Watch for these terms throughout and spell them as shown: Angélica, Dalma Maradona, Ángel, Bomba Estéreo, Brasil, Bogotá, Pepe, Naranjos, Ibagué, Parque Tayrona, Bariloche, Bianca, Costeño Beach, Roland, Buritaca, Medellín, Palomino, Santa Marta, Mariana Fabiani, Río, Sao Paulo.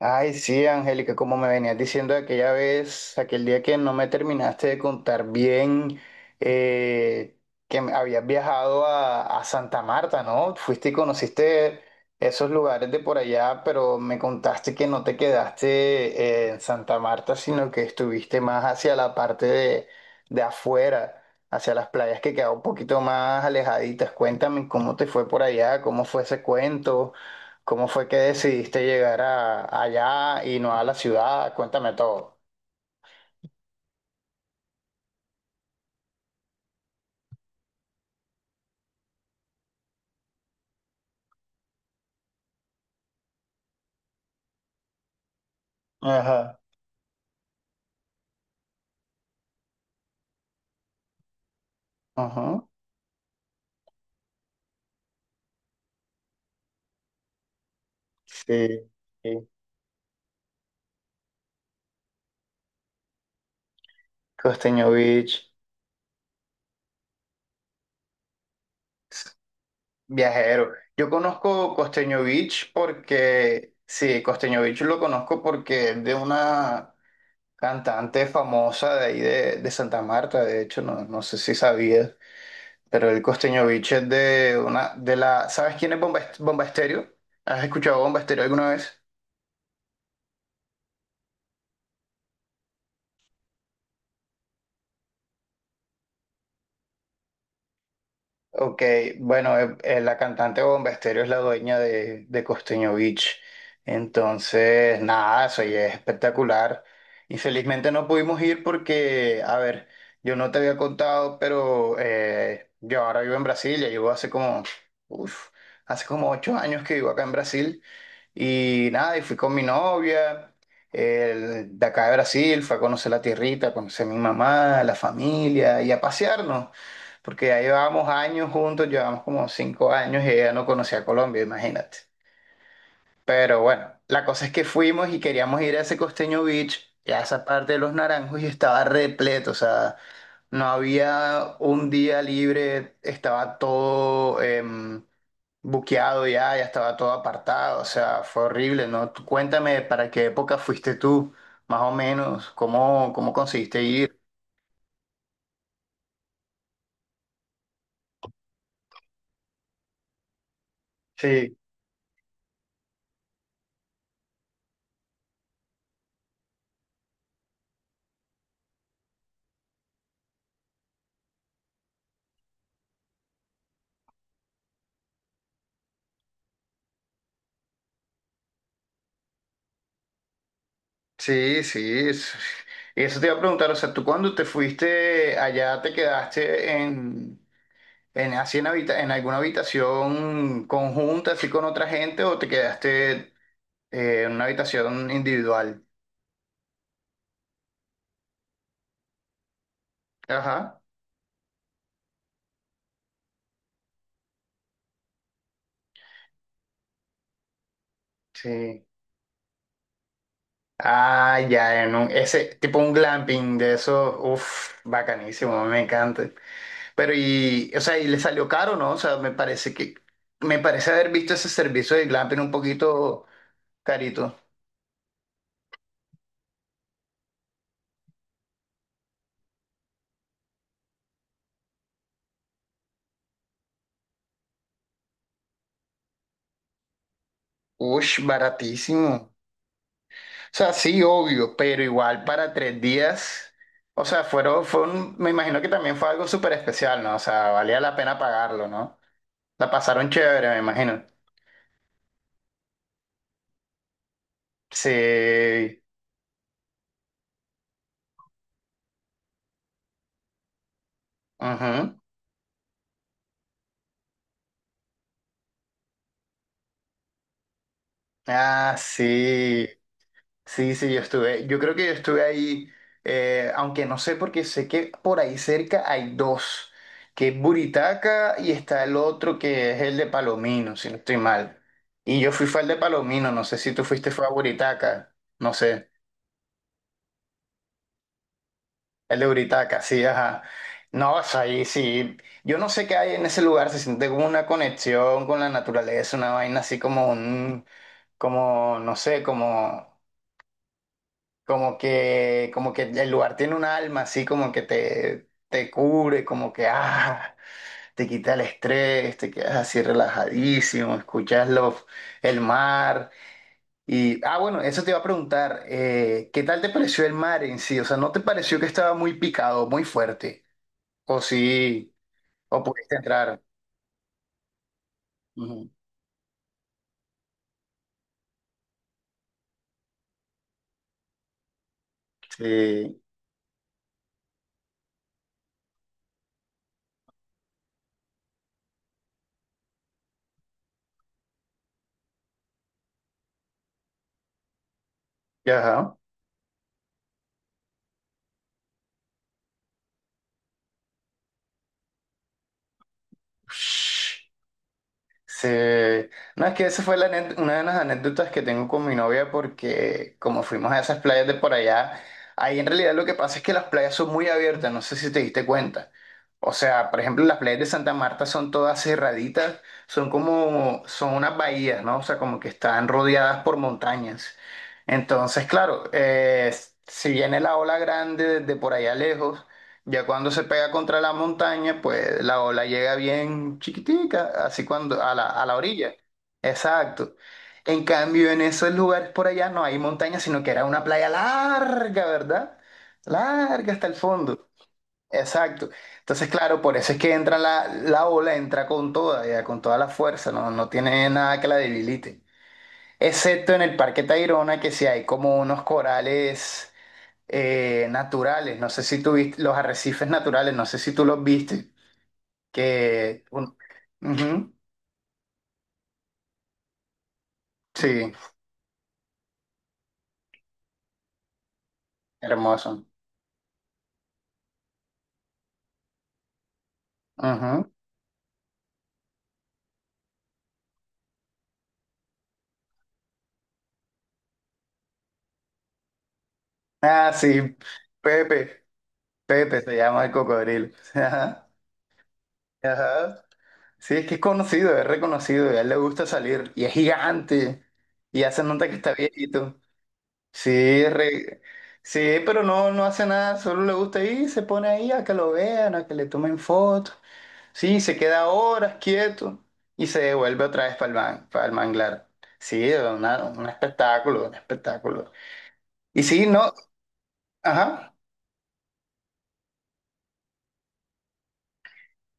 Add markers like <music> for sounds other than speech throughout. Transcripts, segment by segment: Ay, sí, Angélica, como me venías diciendo aquella vez, aquel día que no me terminaste de contar bien eh, que habías viajado a Santa Marta, ¿no? Fuiste y conociste esos lugares de por allá, pero me contaste que no te quedaste en Santa Marta, sino que estuviste más hacia la parte de afuera, hacia las playas que quedaban un poquito más alejaditas. Cuéntame cómo te fue por allá, cómo fue ese cuento. ¿Cómo fue que decidiste llegar a, allá y no a la ciudad? Cuéntame todo. Ajá. Ajá. Sí, sí. Costeño Beach, viajero. Yo conozco Costeño Beach porque, sí, Costeño Beach lo conozco porque es de una cantante famosa de ahí de Santa Marta, de hecho, no, no sé si sabías, pero el Costeño Beach es de una, de la, ¿sabes quién es Bomba, Bomba Estéreo? ¿Has escuchado Bomba Estéreo alguna vez? Ok, bueno, la cantante Bomba Estéreo es la dueña de Costeño Beach. Entonces, nada, eso ya es espectacular. Infelizmente no pudimos ir porque, a ver, yo no te había contado, pero yo ahora vivo en Brasil, ya llevo hace como, uf, hace como ocho años que vivo acá en Brasil. Y nada, y fui con mi novia, de acá de Brasil, fue a conocer la tierrita, a conocer a mi mamá, la familia y a pasearnos, porque ya llevábamos años juntos, llevábamos como cinco años y ella no conocía Colombia, imagínate. Pero bueno, la cosa es que fuimos y queríamos ir a ese Costeño Beach, y a esa parte de los Naranjos y estaba repleto, o sea, no había un día libre, estaba todo... buqueado ya, ya estaba todo apartado, o sea, fue horrible, ¿no? Tú cuéntame para qué época fuiste tú, más o menos, cómo, cómo conseguiste ir. Sí, sí, sí. Y eso te iba a preguntar, o sea, tú cuando te fuiste allá te quedaste en, así en, en alguna habitación conjunta, así con otra gente, o te quedaste en una habitación individual. Ajá. Sí. Ah, ya, ese tipo un glamping de esos, uff, bacanísimo, me encanta. Pero y, o sea, y le salió caro, ¿no? O sea, me parece que, me parece haber visto ese servicio de glamping un poquito carito. Ush, baratísimo. O sea, sí, obvio, pero igual para tres días, o sea, fueron, me imagino que también fue algo súper especial, ¿no? O sea, valía la pena pagarlo, ¿no? La pasaron chévere, me imagino. Sí. Ujú. Ah, sí. Sí, sí, yo estuve, yo creo que yo estuve ahí, aunque no sé porque sé que por ahí cerca hay dos, que es Buritaca y está el otro que es el de Palomino, si no estoy mal. Y yo fui fue al de Palomino, no sé si tú fuiste fue a Buritaca, no sé, el de Buritaca, sí, ajá. No, o sea, ahí sí, yo no sé qué hay en ese lugar, se siente como una conexión con la naturaleza, una vaina así como un, como, no sé, como... como que el lugar tiene un alma, así como que te cubre, como que ah, te quita el estrés, te quedas así relajadísimo, escuchas los, el mar. Y, ah, bueno, eso te iba a preguntar, ¿qué tal te pareció el mar en sí? O sea, ¿no te pareció que estaba muy picado, muy fuerte? O sí, o pudiste entrar. Ujú. Sí, ajá. Sí, no, es que esa fue una de las anécdotas que tengo con mi novia porque como fuimos a esas playas de por allá, ahí en realidad lo que pasa es que las playas son muy abiertas, no sé si te diste cuenta. O sea, por ejemplo, las playas de Santa Marta son todas cerraditas, son como, son unas bahías, ¿no? O sea, como que están rodeadas por montañas. Entonces, claro, si viene la ola grande desde por allá lejos, ya cuando se pega contra la montaña, pues la ola llega bien chiquitica, así cuando a la orilla. Exacto. En cambio, en esos lugares por allá no hay montaña, sino que era una playa larga, ¿verdad? Larga hasta el fondo. Exacto. Entonces, claro, por eso es que entra la, la ola, entra con toda, ya, con toda la fuerza, no, no tiene nada que la debilite. Excepto en el Parque Tayrona, que sí hay como unos corales naturales, no sé si tú viste, los arrecifes naturales, no sé si tú los viste, que... un- Ujú, sí, hermoso. Ujú. Ah, sí, Pepe, Pepe se llama el cocodrilo. <laughs> Ajá, ajá. Sí, es que es conocido, es reconocido, y a él le gusta salir, y es gigante, y hace nota que está viejito. Sí, sí, pero no, no hace nada, solo le gusta ir, se pone ahí a que lo vean, a que le tomen fotos. Sí, se queda horas quieto y se devuelve otra vez para para el manglar. Sí, un espectáculo, un espectáculo. Y sí, no, ajá.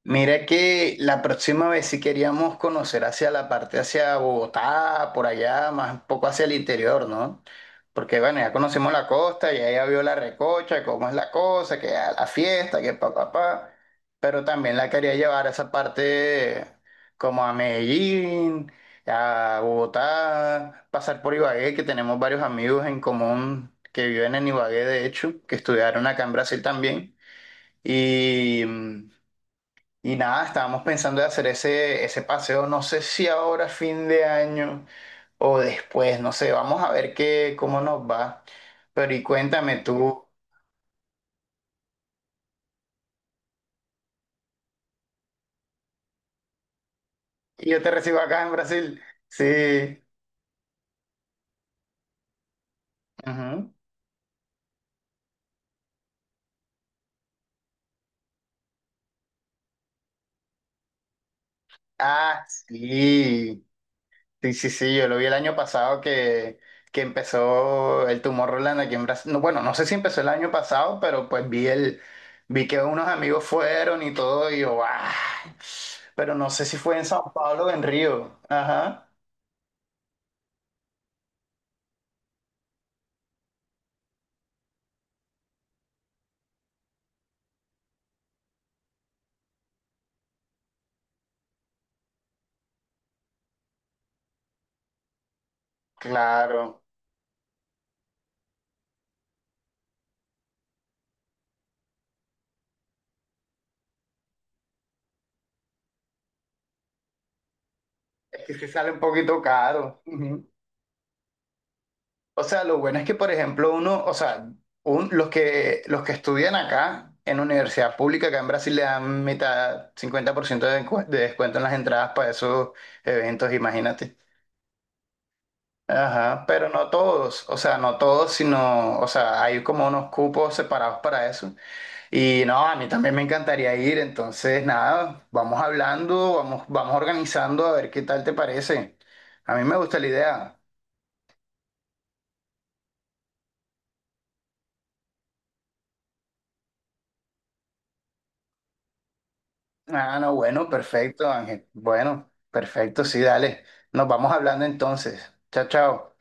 Mira que la próxima vez si queríamos conocer hacia la parte hacia Bogotá, por allá, más un poco hacia el interior, ¿no? Porque bueno, ya conocemos la costa, ya ella vio la recocha, cómo es la cosa, que a la fiesta, que pa, pa, pa. Pero también la quería llevar a esa parte como a Medellín, a Bogotá, pasar por Ibagué, que tenemos varios amigos en común que viven en Ibagué, de hecho, que estudiaron acá en Brasil también. Y... mm, y nada, estábamos pensando de hacer ese, ese paseo, no sé si ahora fin de año o después, no sé, vamos a ver qué, cómo nos va. Pero y cuéntame tú, yo te recibo acá en Brasil. Sí. Ujú. Ah, sí. Sí, sí, sí, yo lo vi el año pasado que empezó el tumor Roland aquí en Brasil. No, bueno, no sé si empezó el año pasado, pero pues vi el, vi que unos amigos fueron y todo, y yo, ¡ah! Pero no sé si fue en Sao Paulo o en Río. Ajá, claro. Es que sale un poquito caro. Ujú. O sea, lo bueno es que, por ejemplo, uno, o sea, los que estudian acá en universidad pública, acá en Brasil le dan mitad, 50% de, de descuento en las entradas para esos eventos, imagínate. Ajá, pero no todos, o sea, no todos, sino, o sea, hay como unos cupos separados para eso. Y no, a mí también me encantaría ir, entonces nada, vamos hablando, vamos, vamos organizando a ver qué tal te parece. A mí me gusta la idea. Ah, no, bueno, perfecto, Ángel. Bueno, perfecto, sí, dale. Nos vamos hablando entonces. Chao, chao.